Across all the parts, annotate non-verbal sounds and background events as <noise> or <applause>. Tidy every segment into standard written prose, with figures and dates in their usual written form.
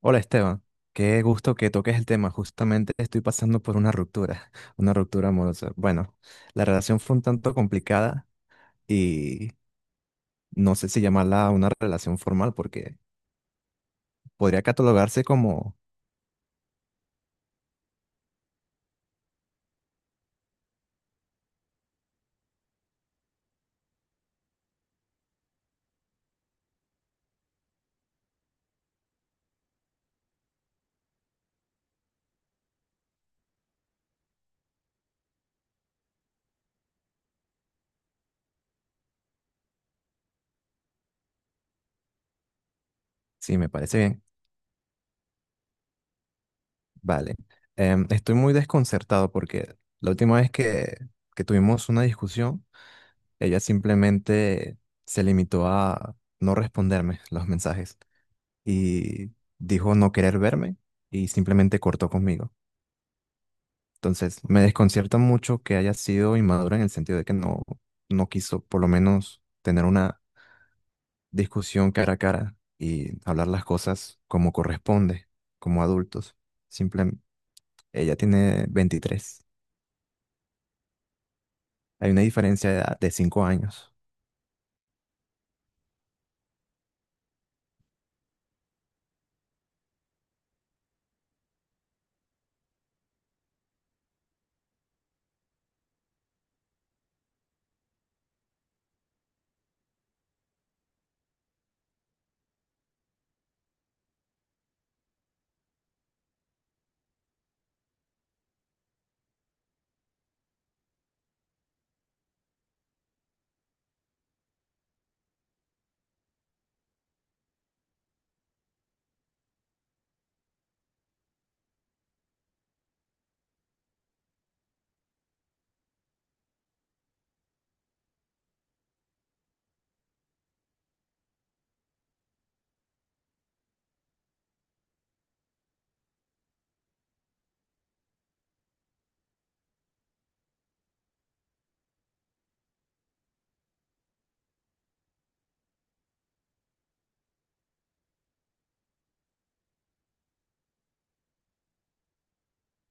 Hola Esteban, qué gusto que toques el tema. Justamente estoy pasando por una ruptura, <laughs> una ruptura amorosa. Bueno, la relación fue un tanto complicada y no sé si llamarla una relación formal porque podría catalogarse como... Sí, me parece bien. Vale. Estoy muy desconcertado porque la última vez que tuvimos una discusión, ella simplemente se limitó a no responderme los mensajes y dijo no querer verme y simplemente cortó conmigo. Entonces, me desconcierta mucho que haya sido inmadura en el sentido de que no quiso por lo menos tener una discusión cara a cara y hablar las cosas como corresponde, como adultos. Simplemente, ella tiene 23. Hay una diferencia de edad de 5 años.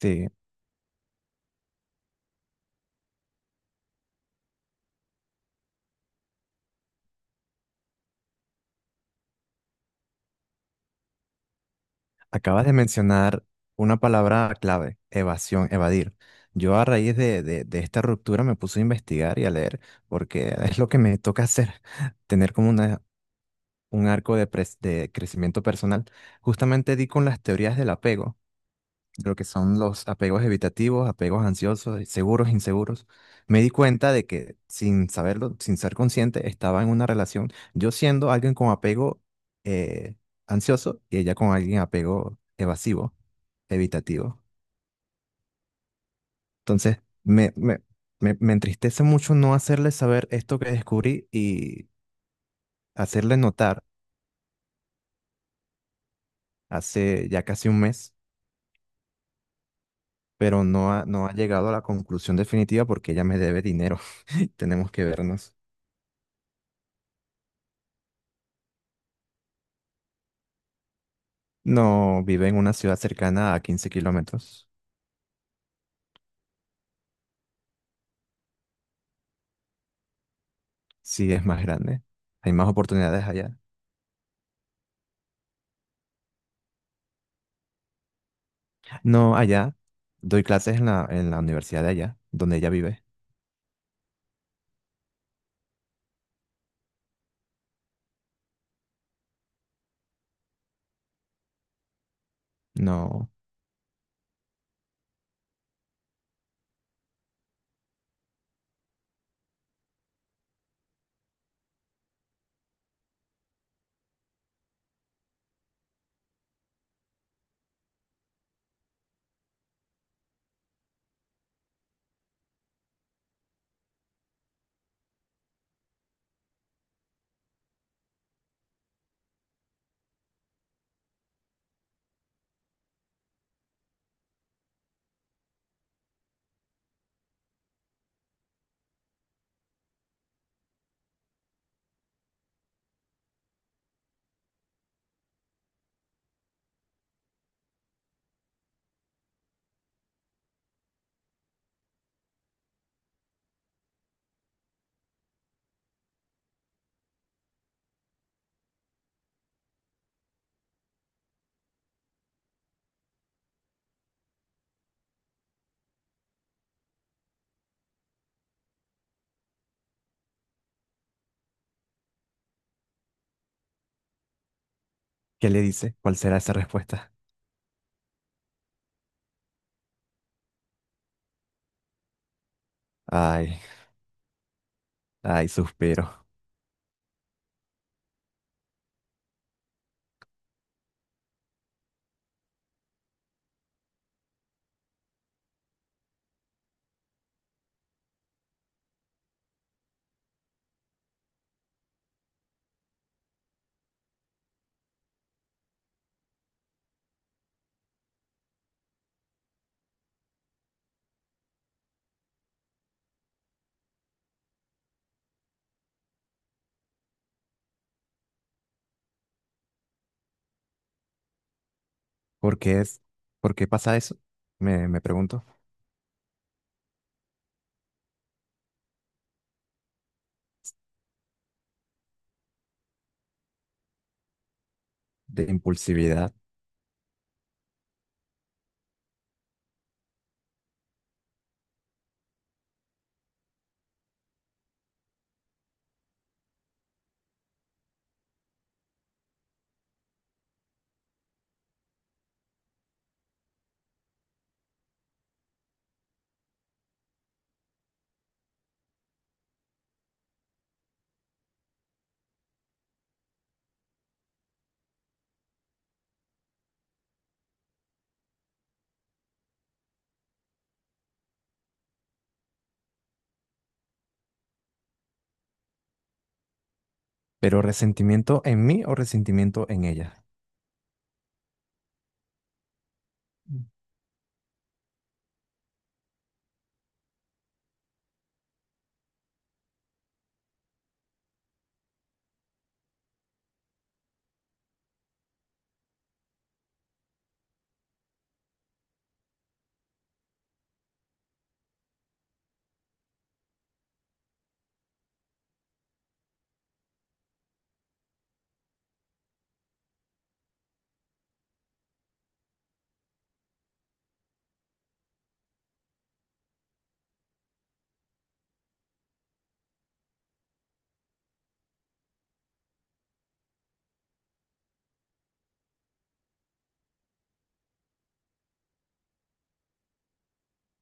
Sí, acabas de mencionar una palabra clave, evasión, evadir. Yo a raíz de esta ruptura me puse a investigar y a leer porque es lo que me toca hacer, <laughs> tener como una un arco de, pres- de crecimiento personal, justamente di con las teorías del apego, de lo que son los apegos evitativos, apegos ansiosos, seguros, inseguros. Me di cuenta de que sin saberlo, sin ser consciente, estaba en una relación, yo siendo alguien con apego eh, ansioso y ella con alguien apego evasivo, evitativo. Entonces, me, me, me entristece mucho no hacerle saber esto que descubrí y hacerle notar hace ya casi un mes pero no ha llegado a la conclusión definitiva porque ella me debe dinero. <laughs> Tenemos que vernos. No, vive en una ciudad cercana a 15 kilómetros. Sí, es más grande. Hay más oportunidades allá. No, allá. Doy clases en la universidad de allá, donde ella vive. No. ¿Qué le dice? ¿Cuál será esa respuesta? Ay, ay, suspiro. ¿Por qué es? ¿Por qué pasa eso? Me pregunto. De impulsividad. ¿Pero resentimiento en mí o resentimiento en ella?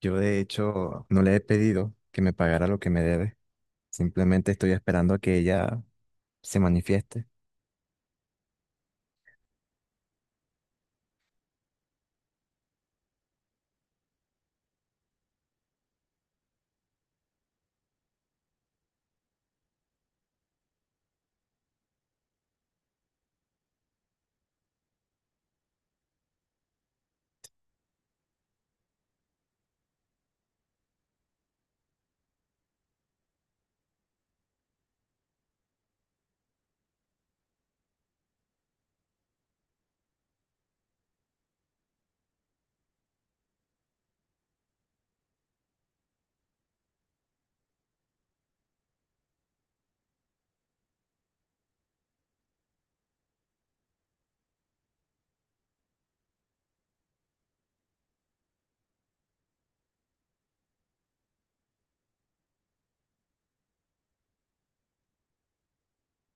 Yo de hecho no le he pedido que me pagara lo que me debe. Simplemente estoy esperando a que ella se manifieste.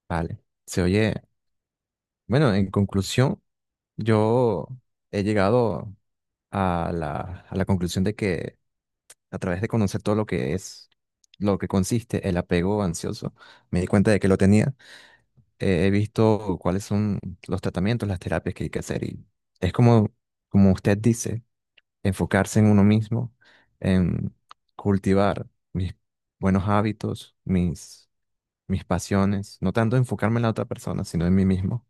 Vale. Se oye. Bueno, en conclusión, yo he llegado a la conclusión de que a través de conocer todo lo que es, lo que consiste el apego ansioso, me di cuenta de que lo tenía. He visto cuáles son los tratamientos, las terapias que hay que hacer y es como, como usted dice. Enfocarse en uno mismo, en cultivar mis buenos hábitos, mis pasiones, no tanto enfocarme en la otra persona, sino en mí mismo.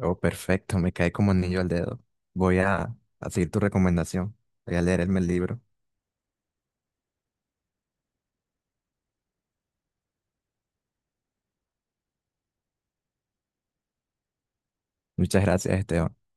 Oh, perfecto, me cae como anillo al dedo. Voy a seguir tu recomendación. Voy a leerme el libro. Muchas gracias, Esteban.